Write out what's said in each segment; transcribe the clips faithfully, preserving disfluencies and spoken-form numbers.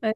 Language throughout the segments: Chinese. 没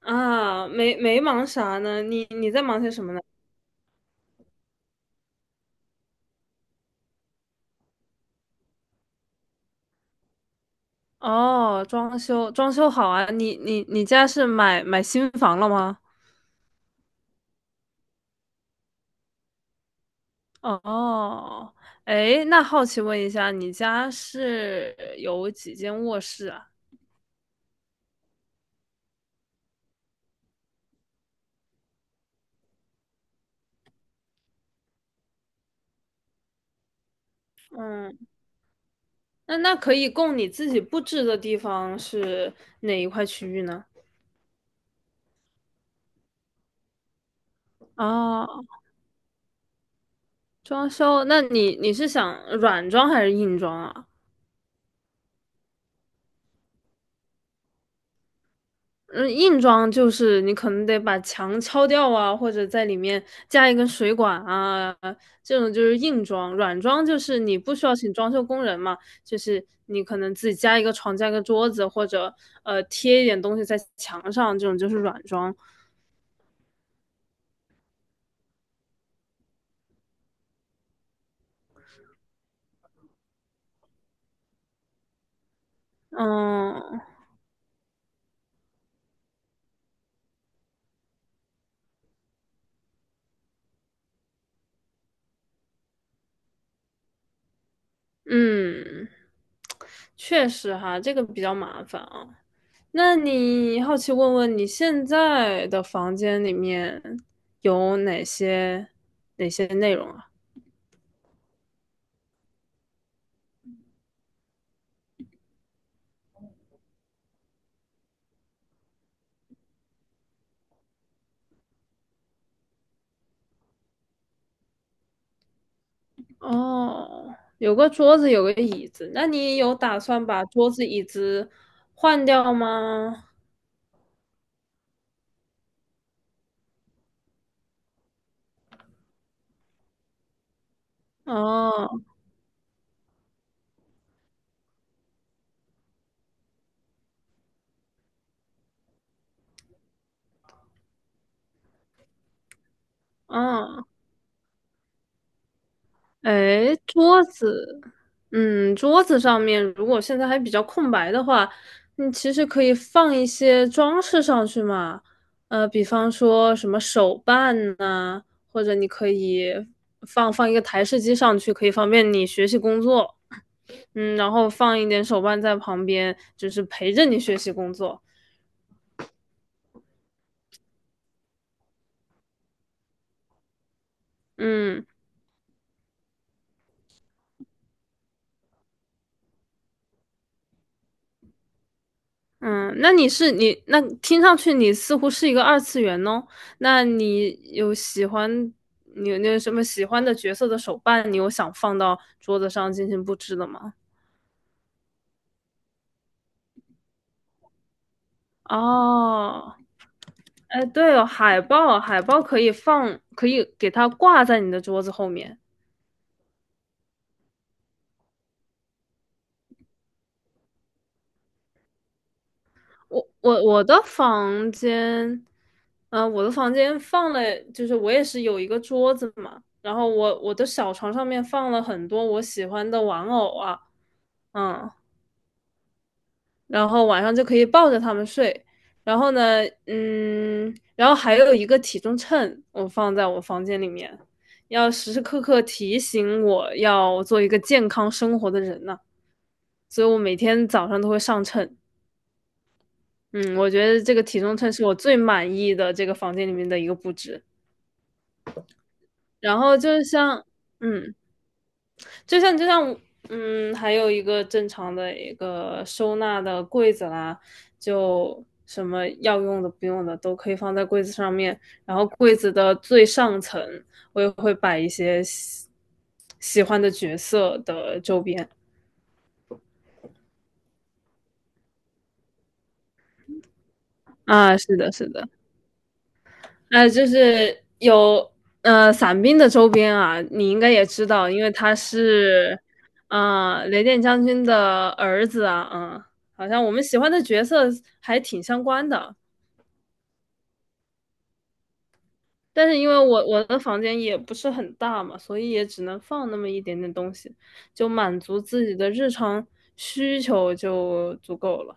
啊，没没忙啥呢？你你在忙些什么呢？哦，装修装修好啊！你你你家是买买新房了吗？哦，哎，那好奇问一下，你家是有几间卧室啊？嗯，那那可以供你自己布置的地方是哪一块区域呢？哦，装修，那你你是想软装还是硬装啊？嗯，硬装就是你可能得把墙敲掉啊，或者在里面加一根水管啊，这种就是硬装。软装就是你不需要请装修工人嘛，就是你可能自己加一个床、加一个桌子，或者呃贴一点东西在墙上，这种就是软装。嗯嗯，确实哈，这个比较麻烦啊。那你好奇问问你现在的房间里面有哪些哪些内容啊？哦，有个桌子，有个椅子，那你有打算把桌子、椅子换掉吗？哦，哦，哎，桌子，嗯，桌子上面如果现在还比较空白的话，你其实可以放一些装饰上去嘛，呃，比方说什么手办呐、或者你可以放放一个台式机上去，可以方便你学习工作。嗯，然后放一点手办在旁边，就是陪着你学习工作。嗯嗯，那你是你那听上去你似乎是一个二次元哦。那你有喜欢你有你有什么喜欢的角色的手办？你有想放到桌子上进行布置的吗？哦，哎，对哦，海报，海报可以放，可以给它挂在你的桌子后面。我我我的房间，嗯、我的房间放了，就是我也是有一个桌子嘛，然后我我的小床上面放了很多我喜欢的玩偶啊，嗯，然后晚上就可以抱着他们睡，然后呢，嗯，然后还有一个体重秤，我放在我房间里面，要时时刻刻提醒我要做一个健康生活的人呢，所以我每天早上都会上秤。嗯，我觉得这个体重秤是我最满意的这个房间里面的一个布置。然后就像，嗯，就像就像，嗯，还有一个正常的一个收纳的柜子啦，就什么要用的、不用的都可以放在柜子上面。然后柜子的最上层，我也会摆一些喜喜欢的角色的周边。啊，是的，是的。呃，就是有呃伞兵的周边啊，你应该也知道，因为他是呃雷电将军的儿子啊，嗯，好像我们喜欢的角色还挺相关的。但是因为我我的房间也不是很大嘛，所以也只能放那么一点点东西，就满足自己的日常需求就足够了。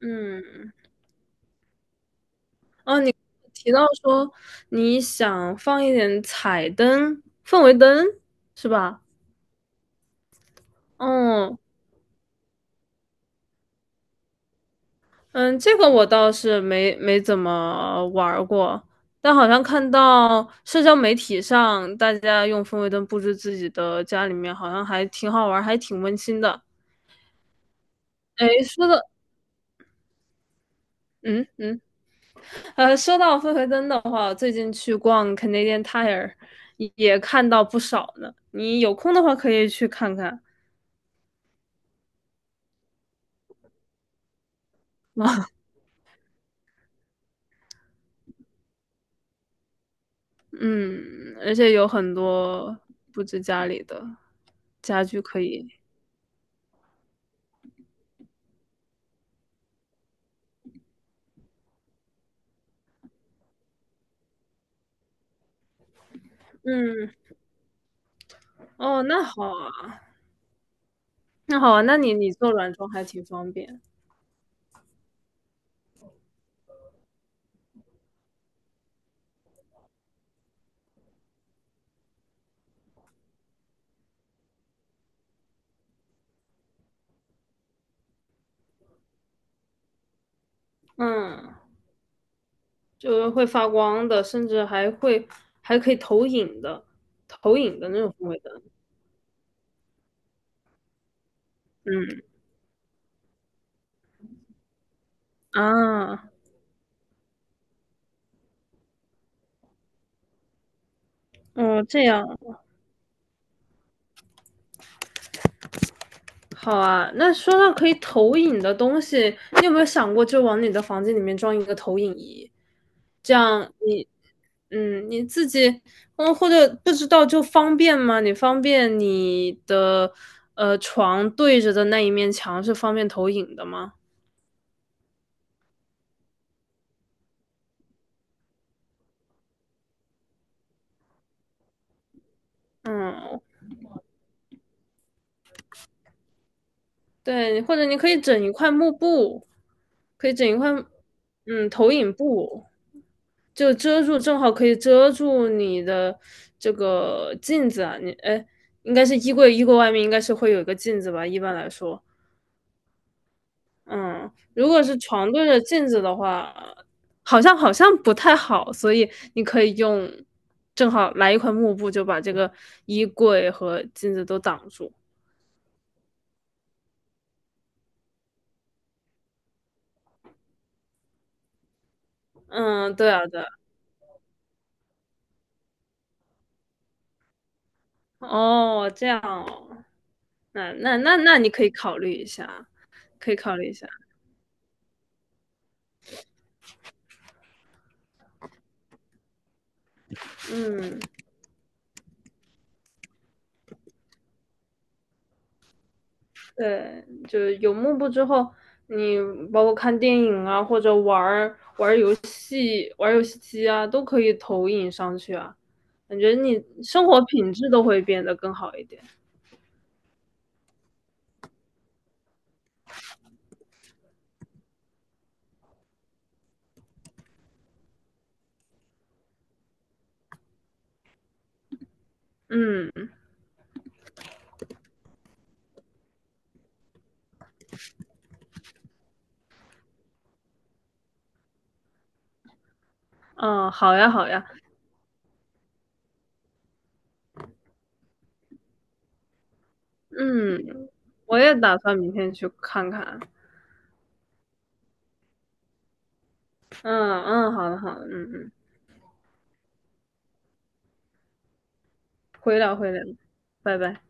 嗯，哦，你提到说你想放一点彩灯、氛围灯，是吧？嗯嗯，这个我倒是没没怎么玩儿过，但好像看到社交媒体上大家用氛围灯布置自己的家里面，好像还挺好玩儿，还挺温馨的。哎，说到嗯嗯，呃，说到氛围灯的话，我最近去逛 Canadian Tire 也看到不少呢。你有空的话可以去看看。嗯，而且有很多布置家里的家具可以。嗯，哦，那好啊。那好啊，那你你做软装还挺方便，嗯，就是会发光的，甚至还会还可以投影的，投影的那种氛围灯，嗯啊，哦这样，好啊。那说到可以投影的东西，你有没有想过就往你的房间里面装一个投影仪？这样你嗯你自己嗯或者不知道就方便吗？你方便你的呃床对着的那一面墙是方便投影的吗？嗯，对，或者你可以整一块幕布，可以整一块，嗯，投影布，就遮住，正好可以遮住你的这个镜子啊。你，哎，应该是衣柜，衣柜外面应该是会有一个镜子吧，一般来说，嗯，如果是床对着镜子的话，好像好像不太好，所以你可以用，正好来一块幕布，就把这个衣柜和镜子都挡住。嗯，对啊，对啊哦，这样哦。那那那那你可以考虑一下，可以考虑一下。嗯，对，就有幕布之后，你包括看电影啊，或者玩儿玩游戏、玩游戏机啊，都可以投影上去啊。感觉你生活品质都会变得更好一点。嗯嗯，好呀好呀，嗯，我也打算明天去看看。嗯嗯，好的好的，嗯嗯，回聊回聊，拜拜。